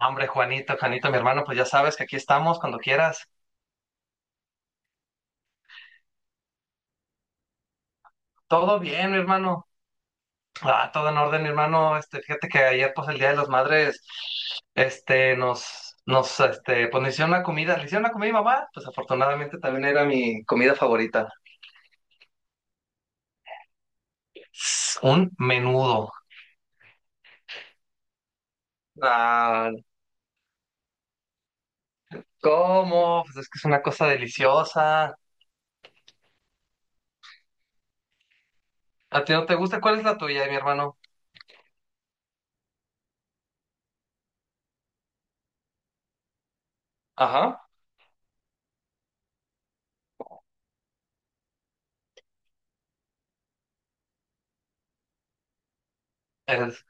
Hombre, Juanito, Juanito, mi hermano, pues ya sabes que aquí estamos cuando quieras. Todo bien, mi hermano. Ah, todo en orden, mi hermano. Fíjate que ayer, pues el Día de las Madres, pues nos hicieron una comida. ¿Le hicieron una comida a mi mamá? Pues afortunadamente también era mi comida favorita. Un menudo. Ah, ¿cómo? Pues es que es una cosa deliciosa. ¿A ti no te gusta? ¿Cuál es la tuya, mi hermano? Ajá. Es-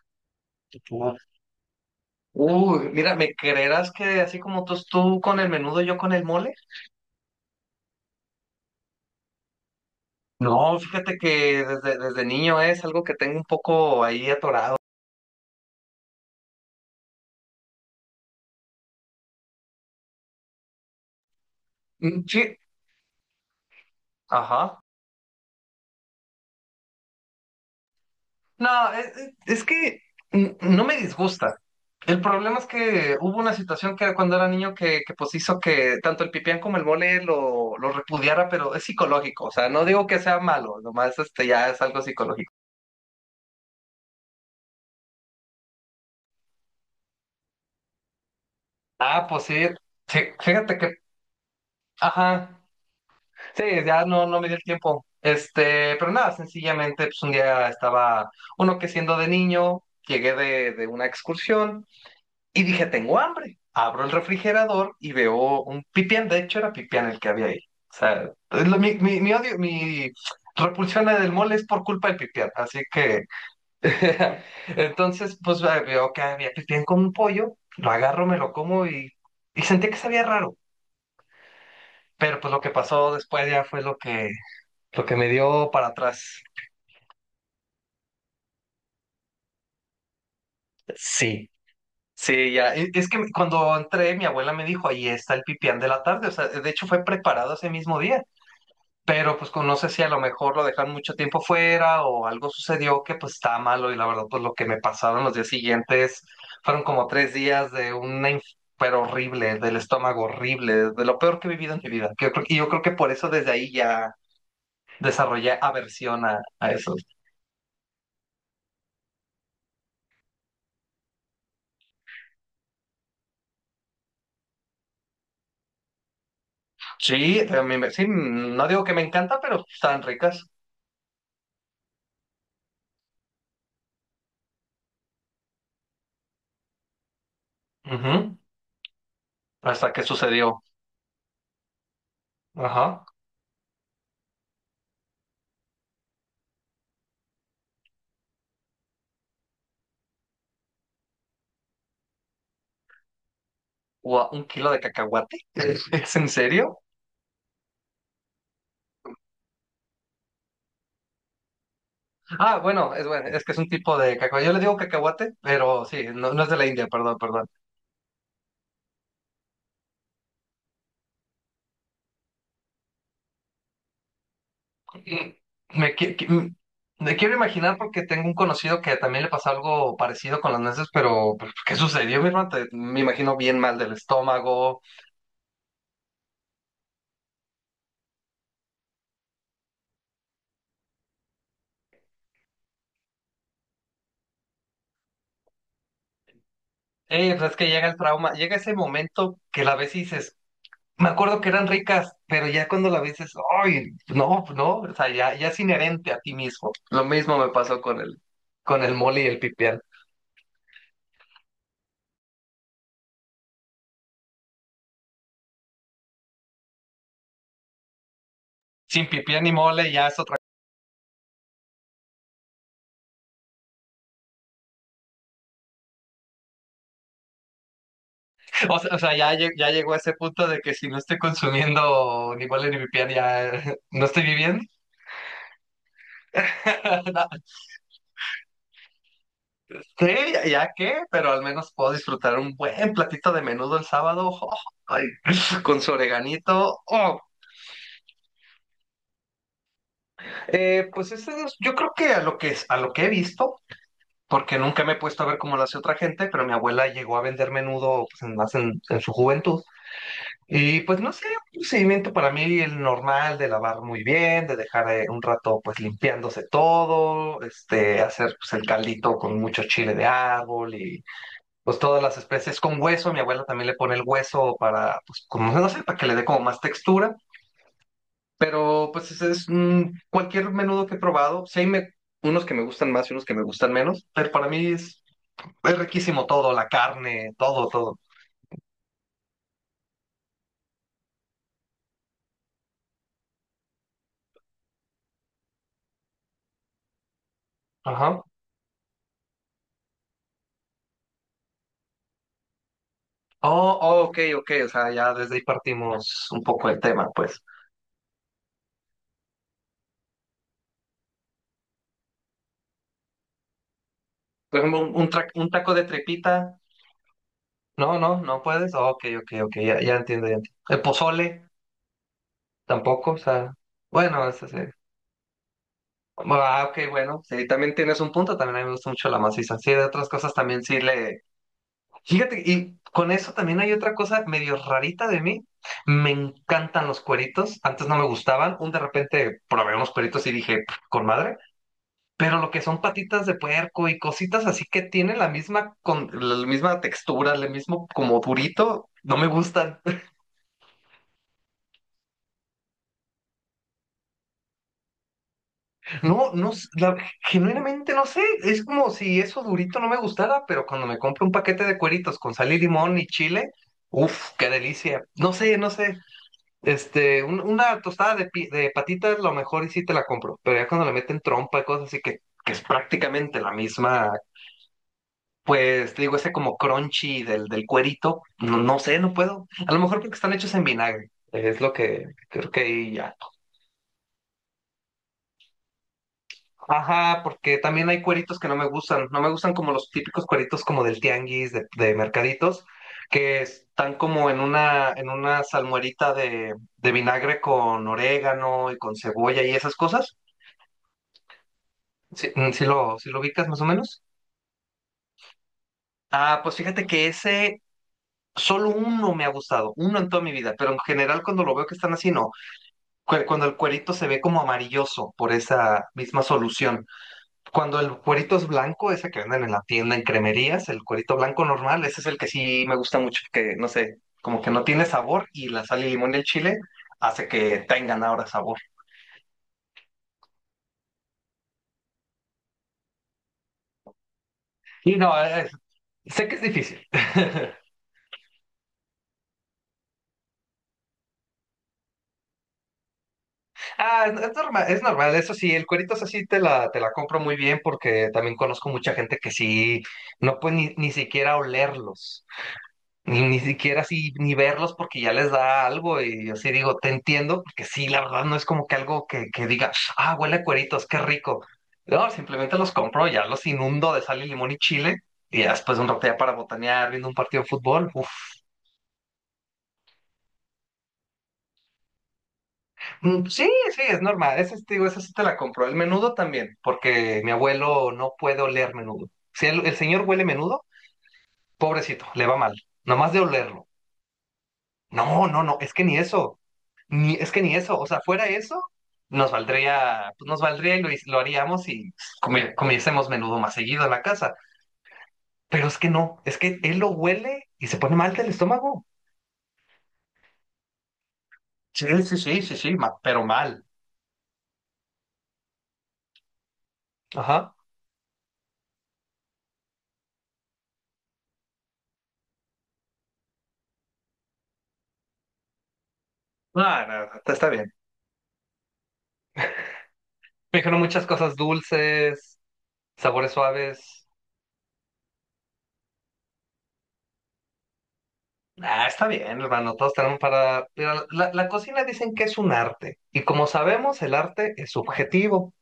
Uy, mira, ¿me creerás que así como tú con el menudo, yo con el mole? No, fíjate que desde niño, ¿eh? Es algo que tengo un poco ahí atorado. Mm. Sí, ajá. No, es que mm, no me disgusta. El problema es que hubo una situación que cuando era niño que pues hizo que tanto el pipián como el mole lo repudiara, pero es psicológico. O sea, no digo que sea malo, nomás este ya es algo psicológico. Ah, pues sí, sí, fíjate que, ajá. Sí, ya no, no me dio el tiempo. Este, pero nada, sencillamente, pues un día estaba uno que siendo de niño, llegué de una excursión y dije, tengo hambre. Abro el refrigerador y veo un pipián, de hecho era pipián el que había ahí. O sea, es lo- mi odio, mi repulsión del mole es por culpa del pipián. Así que, entonces, pues veo que había pipián con un pollo, lo agarro, me lo como y sentí que sabía raro. Pero pues lo que pasó después ya fue lo que me dio para atrás. Sí, sí, ya. Es que cuando entré, mi abuela me dijo, ahí está el pipián de la tarde. O sea, de hecho fue preparado ese mismo día. Pero pues no sé si a lo mejor lo dejaron mucho tiempo fuera o algo sucedió que pues está malo. Y la verdad, pues lo que me pasaron los días siguientes fueron como tres días de una pero horrible, del estómago horrible, de lo peor que he vivido en mi vida. Y yo creo que por eso desde ahí ya desarrollé aversión a eso. Sí, a sí, no digo que me encanta, pero están ricas. Ujú. Hasta que sucedió. Ajá. ¿Un kilo de cacahuate? ¿Es en serio? Ah, bueno, es que es un tipo de cacahuate. Yo le digo cacahuate, pero sí, no, no es de la India, perdón, perdón. Mm. Me, qui- qui- mm, me quiero imaginar porque tengo un conocido que también le pasó algo parecido con las nueces, pero ¿qué sucedió, mi hermano? Me imagino bien mal del estómago. Pues es que llega el trauma, llega ese momento que la ves y dices, me acuerdo que eran ricas, pero ya cuando la ves, es, ay, no, no, o sea, ya, ya es inherente a ti mismo. Lo mismo me pasó con el mole y el pipián. Sin pipián ni mole ya es otra cosa. O sea, ya, ya llegó a ese punto de que si no estoy consumiendo ni mole ni pipián, ya no estoy viviendo. No, sí, ya, ya qué, pero al menos puedo disfrutar un buen platito de menudo el sábado. Oh, ay, con su oreganito. Oh. Pues yo creo que a lo que, a lo que he visto. Porque nunca me he puesto a ver cómo lo hace otra gente, pero mi abuela llegó a vender menudo pues, más en su juventud. Y pues no sé, un procedimiento para mí el normal de lavar muy bien, de dejar un rato pues limpiándose todo, este, hacer pues el caldito con mucho chile de árbol y pues todas las especies con hueso. Mi abuela también le pone el hueso para pues como no sé, para que le dé como más textura. Pero pues ese es cualquier menudo que he probado. Sí, unos que me gustan más y unos que me gustan menos, pero para mí es riquísimo todo, la carne, todo, todo. Ajá. Oh, oh, ok, ok. O sea, ya desde ahí partimos un poco el tema, pues. Por ejemplo, un un taco de trepita. No, no, no puedes. Oh, ok, ok, ok. Ya, ya entiendo, ya entiendo. El pozole, tampoco. O sea, bueno, eso sí. Ah, ok, bueno. Sí, también tienes un punto. También a mí me gusta mucho la maciza. Sí, de otras cosas también sí le. Fíjate, y con eso también hay otra cosa medio rarita de mí. Me encantan los cueritos. Antes no me gustaban. Un de repente probé unos cueritos y dije, "Pf, con madre". Pero lo que son patitas de puerco y cositas así que tienen la misma, con, la misma textura, el mismo como durito, no me gustan. No, no, genuinamente no sé. Es como si eso durito no me gustara, pero cuando me compro un paquete de cueritos con sal y limón y chile, uff, qué delicia. No sé, no sé. Este, una tostada de, de patitas, lo mejor y sí te la compro, pero ya cuando le meten trompa y cosas así que es prácticamente la misma, pues te digo, ese como crunchy del cuerito, no, no sé, no puedo. A lo mejor porque están hechos en vinagre, es lo que creo que ahí ya. Ajá, porque también hay cueritos que no me gustan, no me gustan como los típicos cueritos como del tianguis, de mercaditos, que están como en una salmuerita de vinagre con orégano y con cebolla y esas cosas. Sí, mm, sí lo ubicas más o menos. Ah, pues fíjate que ese, solo uno me ha gustado, uno en toda mi vida, pero en general cuando lo veo que están así, no. Cuando el cuerito se ve como amarilloso por esa misma solución. Cuando el cuerito es blanco, ese que venden en la tienda, en cremerías, el cuerito blanco normal, ese es el que sí me gusta mucho, que no sé, como que no tiene sabor y la sal y limón y el chile hace que tengan ahora sabor. Y no, sé que es difícil. Ah, es normal, eso sí, el cuerito esa sí te la compro muy bien porque también conozco mucha gente que sí, no puede ni, ni siquiera olerlos, ni, ni siquiera así, ni verlos porque ya les da algo y yo sí digo, te entiendo, porque sí, la verdad no es como que algo que diga, ah, huele a cueritos, qué rico. No, simplemente los compro, ya los inundo de sal y limón y chile y ya después de un rato ya para botanear, viendo un partido de fútbol, uff. Mm. Sí, sí, es normal. Esa, sí, te digo, esa sí te la compro. El menudo también, porque mi abuelo no puede oler menudo. Si el señor huele menudo, pobrecito, le va mal. Nomás de olerlo. No, no, no, es que ni eso. Ni, es que ni eso. O sea, fuera eso, nos valdría, pues nos valdría y lo haríamos y comiésemos menudo más seguido en la casa. Pero es que no, es que él lo huele y se pone mal del estómago. Sí, sí, sí, sí, sí, pero mal. Ajá. Ah, no, está está bien. Me dijeron muchas cosas dulces. Sabores suaves. Ah, está bien, hermano. Todos tenemos para. Mira, la cocina dicen que es un arte. Y como sabemos, el arte es subjetivo.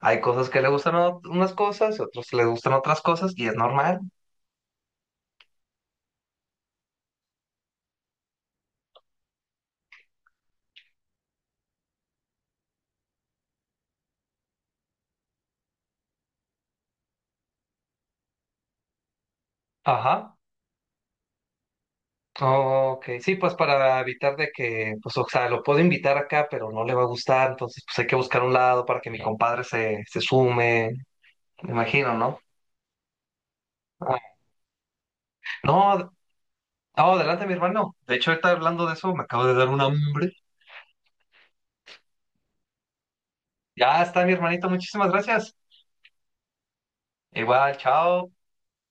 Hay cosas que le gustan a unas cosas y otros le gustan otras cosas y es normal. Ajá. Ok. Sí, pues para evitar de que, pues, o sea, lo puedo invitar acá, pero no le va a gustar. Entonces, pues hay que buscar un lado para que mi compadre se sume. Me imagino, ¿no? Ah, No, ad- no, adelante, mi hermano. De hecho, ahorita hablando de eso, me acabo de dar un hambre. Ya está, mi hermanito. Muchísimas gracias. Igual, chao.